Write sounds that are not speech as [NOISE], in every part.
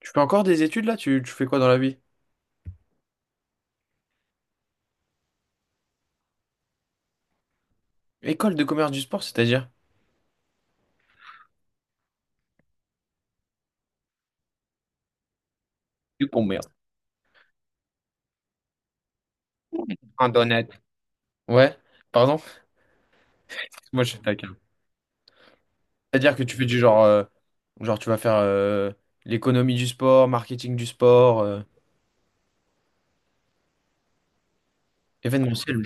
Tu fais encore des études là? Tu fais quoi dans la vie? École de commerce du sport, c'est-à-dire? Du commerce. Un honnête. Ouais, pardon? Moi, je suis taquin. C'est-à-dire que tu fais du genre, genre tu vas faire l'économie du sport, marketing du sport, événementiel.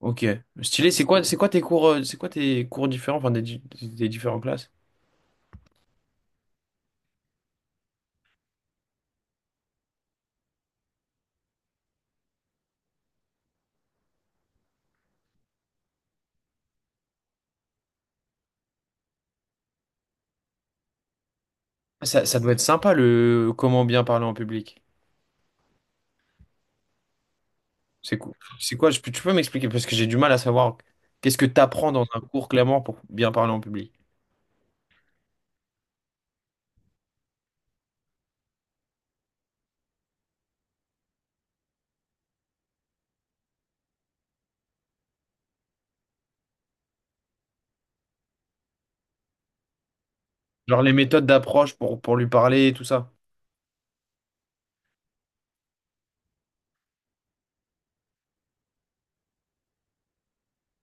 Ok, stylé. C'est quoi tes cours, c'est quoi tes cours différents, enfin des différentes classes? Ça doit être sympa le comment bien parler en public. C'est quoi, c'est quoi? Tu peux m'expliquer parce que j'ai du mal à savoir qu'est-ce que tu apprends dans un cours clairement pour bien parler en public. Genre les méthodes d'approche pour lui parler et tout ça.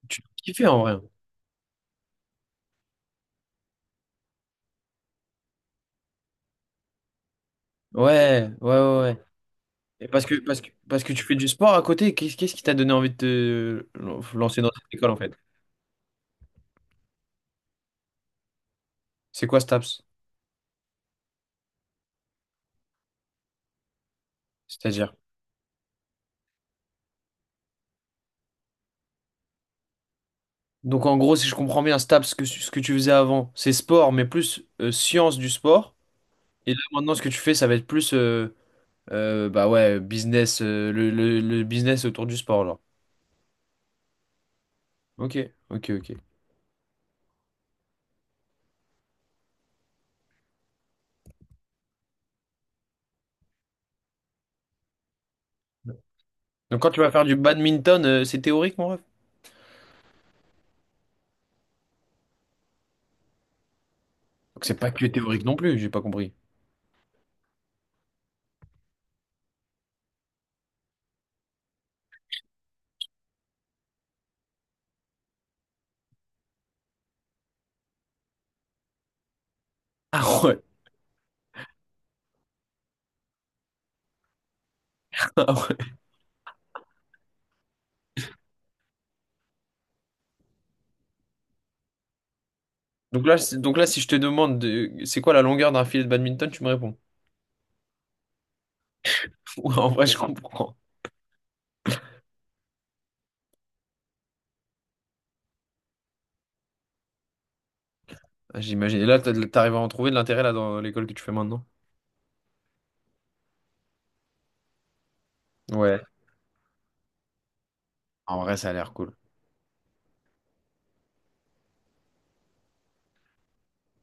Tu kiffes en vrai. Ouais, ouais, ouais. Ouais. Et parce que tu fais du sport à côté, qu'est-ce qui t'a donné envie de te lancer dans cette école en fait? C'est quoi STAPS? C'est-à-dire? Donc en gros, si je comprends bien, STAPS, ce que tu faisais avant, c'est sport, mais plus science du sport. Et là maintenant, ce que tu fais, ça va être plus bah ouais, business, le business autour du sport, genre. Ok, ok, ok. Donc quand tu vas faire du badminton, c'est théorique, mon ref? Donc c'est pas que théorique non plus, j'ai pas compris. Ah ouais. [LAUGHS] Ah ouais. Donc là, donc là, si je te demande c'est quoi la longueur d'un filet de badminton, tu me réponds. [LAUGHS] Ouais, en vrai, je comprends. Ah, j'imagine. Et là, t'arrives à en trouver de l'intérêt là dans l'école que tu fais maintenant. Ouais. En vrai, ça a l'air cool.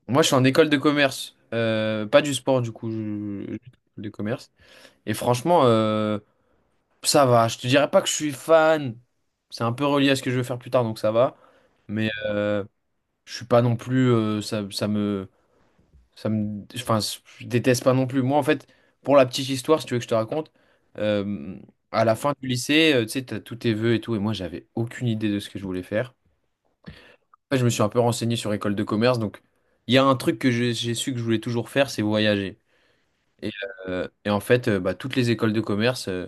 Moi, je suis en école de commerce. Pas du sport, du coup, de commerce. Et franchement, ça va. Je te dirais pas que je suis fan. C'est un peu relié à ce que je veux faire plus tard, donc ça va. Mais je suis pas non plus. Ça me. Ça me. Enfin, je déteste pas non plus. Moi, en fait, pour la petite histoire, si tu veux que je te raconte, euh, à la fin du lycée, tu sais, t'as tous tes vœux et tout, et moi, j'avais aucune idée de ce que je voulais faire. Après, je me suis un peu renseigné sur école de commerce, donc il y a un truc que j'ai su que je voulais toujours faire, c'est voyager. Et, et en fait, bah, toutes les écoles de commerce,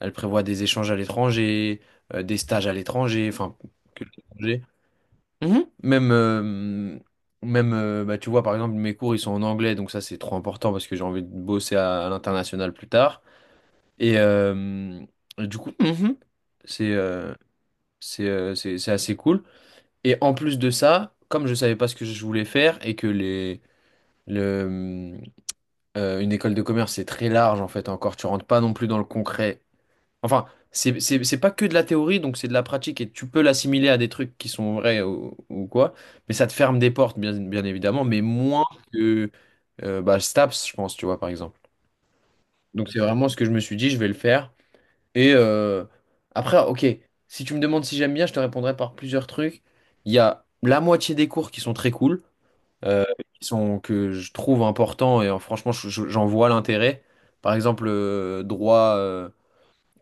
elles prévoient des échanges à l'étranger, des stages à l'étranger, enfin, que l'étranger. Mhm. Même, bah, tu vois, par exemple, mes cours, ils sont en anglais, donc ça, c'est trop important parce que j'ai envie de bosser à l'international plus tard. Et, du coup, c'est euh, c'est assez cool. Et en plus de ça, comme je savais pas ce que je voulais faire et que le, une école de commerce, c'est très large, en fait, encore, tu rentres pas non plus dans le concret. Enfin, c'est pas que de la théorie, donc c'est de la pratique et tu peux l'assimiler à des trucs qui sont vrais ou quoi, mais ça te ferme des portes, bien, bien évidemment, mais moins que bah, STAPS, je pense, tu vois, par exemple. Donc c'est vraiment ce que je me suis dit, je vais le faire. Et après, ok, si tu me demandes si j'aime bien, je te répondrai par plusieurs trucs. Il y a la moitié des cours qui sont très cool, euh, que je trouve importants et franchement, j'en vois l'intérêt. Par exemple, droit. euh,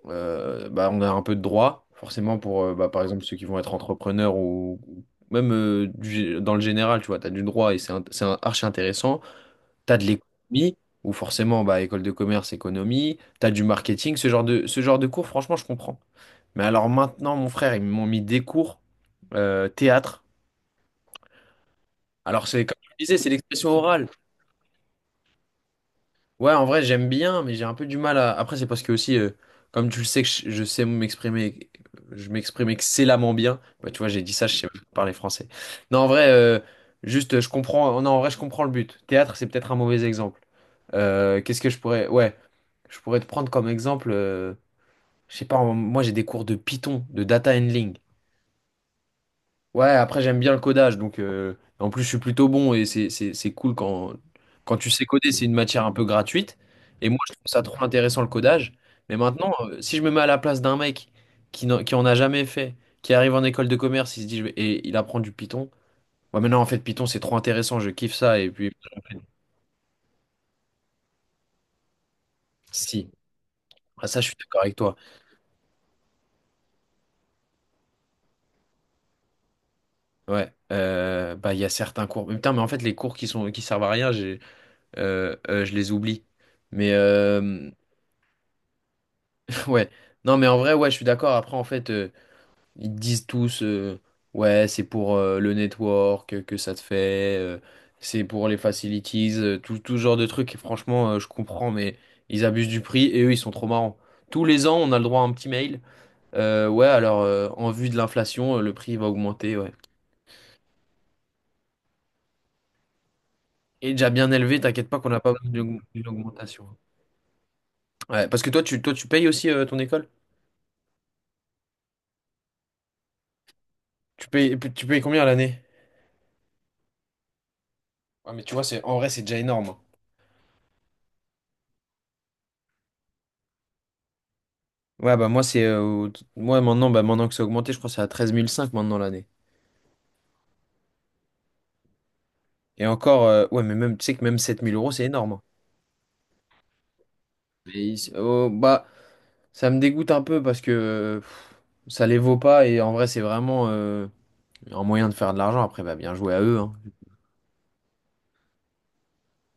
euh, bah, on a un peu de droit, forcément pour, bah, par exemple, ceux qui vont être entrepreneurs ou même dans le général, tu vois, tu as du droit et archi intéressant. Tu as de l'économie, ou forcément, bah, école de commerce, économie, tu as du marketing, ce genre de cours, franchement, je comprends. Mais alors maintenant, mon frère, ils m'ont mis des cours théâtre. Alors, c'est comme je disais, c'est l'expression orale. Ouais, en vrai, j'aime bien, mais j'ai un peu du mal à. Après, c'est parce que aussi, comme tu le sais, que je sais m'exprimer, je m'exprime excellemment bien. Bah, tu vois, j'ai dit ça, je sais même pas parler français. Non, en vrai, juste, je comprends. Oh, non, en vrai, je comprends le but. Théâtre, c'est peut-être un mauvais exemple. Qu'est-ce que je pourrais. Ouais, je pourrais te prendre comme exemple. Je sais pas, moi, j'ai des cours de Python, de data handling. Ouais, après j'aime bien le codage, donc en plus je suis plutôt bon et c'est cool quand, tu sais coder, c'est une matière un peu gratuite. Et moi je trouve ça trop intéressant le codage. Mais maintenant, si je me mets à la place d'un mec qui en a jamais fait, qui arrive en école de commerce, il se dit et il apprend du Python. Ouais, mais non, en fait Python c'est trop intéressant, je kiffe ça. Et puis si, ah, ça je suis d'accord avec toi. Ouais, bah il y a certains cours. Mais putain, mais en fait les cours qui servent à rien, j'ai je les oublie. Mais euh, Ouais, non mais en vrai, ouais, je suis d'accord. Après, en fait, ils disent tous, ouais, c'est pour le network que ça te fait, c'est pour les facilities, tout ce genre de trucs. Et franchement, je comprends, mais ils abusent du prix et eux, ils sont trop marrants. Tous les ans, on a le droit à un petit mail. Ouais, alors, en vue de l'inflation, le prix va augmenter, ouais. Et déjà bien élevé, t'inquiète pas qu'on n'a pas besoin d'une augmentation. Ouais, parce que toi, tu payes aussi ton école? Tu payes combien à l'année? Ouais, mais tu vois, c'est, en vrai, c'est déjà énorme. Ouais, bah moi, maintenant, bah, maintenant que c'est augmenté, je crois que c'est à 13 500 maintenant l'année. Et encore, ouais, mais même, tu sais que même sept mille euros, c'est énorme, hein. Oh, bah, ça me dégoûte un peu parce que pff, ça les vaut pas et en vrai, c'est vraiment un moyen de faire de l'argent. Après, bah, bien joué à eux, hein.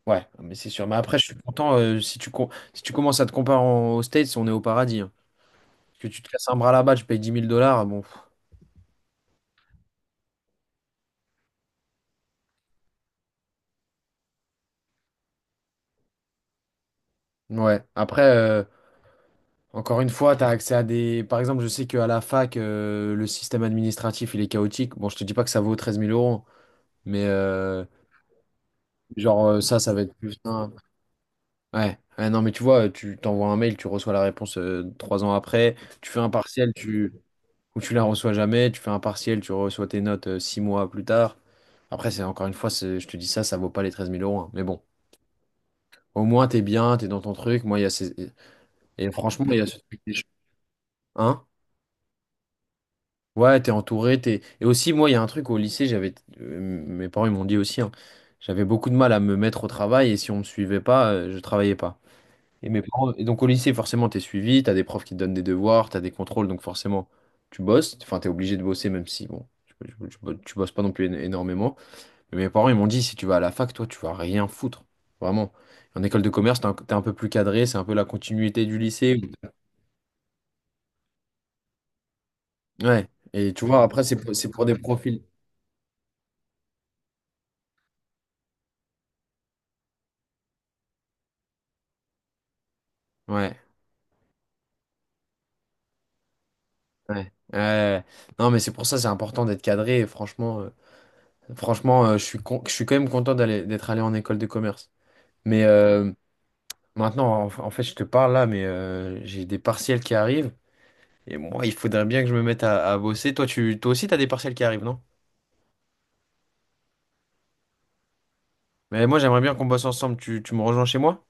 Ouais, mais c'est sûr. Mais après, je suis content. Si tu commences à te comparer aux States, on est au paradis, hein. Que tu te casses un bras là-bas, tu payes dix mille dollars. Bon, pff, ouais. Après. Encore une fois, tu as accès à des. Par exemple, je sais qu'à la fac, le système administratif, il est chaotique. Bon, je te dis pas que ça vaut treize mille euros, mais genre ça va être plus simple. Ouais. Ouais, non, mais tu vois, tu t'envoies un mail, tu reçois la réponse 3 ans après. Tu fais un partiel, tu. Ou tu la reçois jamais. Tu fais un partiel, tu reçois tes notes 6 mois plus tard. Après, c'est encore une fois, je te dis ça, ça vaut pas les treize mille euros, hein. Mais bon, au moins, t'es bien, t'es dans ton truc. Moi, il y a ces. Et franchement, il y a ce truc des. Hein? Ouais, t'es entouré, t'es. Et aussi, moi, il y a un truc au lycée, j'avais. Mes parents, ils m'ont dit aussi, hein, j'avais beaucoup de mal à me mettre au travail et si on me suivait pas, je travaillais pas. Et mes parents. Et donc au lycée, forcément, t'es suivi, t'as des profs qui te donnent des devoirs, t'as des contrôles, donc forcément, tu bosses. Enfin, t'es obligé de bosser, même si, bon, tu bosses pas non plus énormément. Mais mes parents, ils m'ont dit, si tu vas à la fac, toi, tu vas rien foutre. Vraiment. En école de commerce, t'es un peu plus cadré, c'est un peu la continuité du lycée. Ouais. Et tu vois, après, c'est pour des profils. Ouais. Ouais. Ouais. Ouais. Non, mais c'est pour ça, c'est important d'être cadré. Et franchement, je suis quand même content d'être allé en école de commerce. Mais maintenant, en fait, je te parle là, mais j'ai des partiels qui arrivent. Et moi, il faudrait bien que je me mette à bosser. Toi aussi, t'as des partiels qui arrivent, non? Mais moi, j'aimerais bien qu'on bosse ensemble. Tu me rejoins chez moi?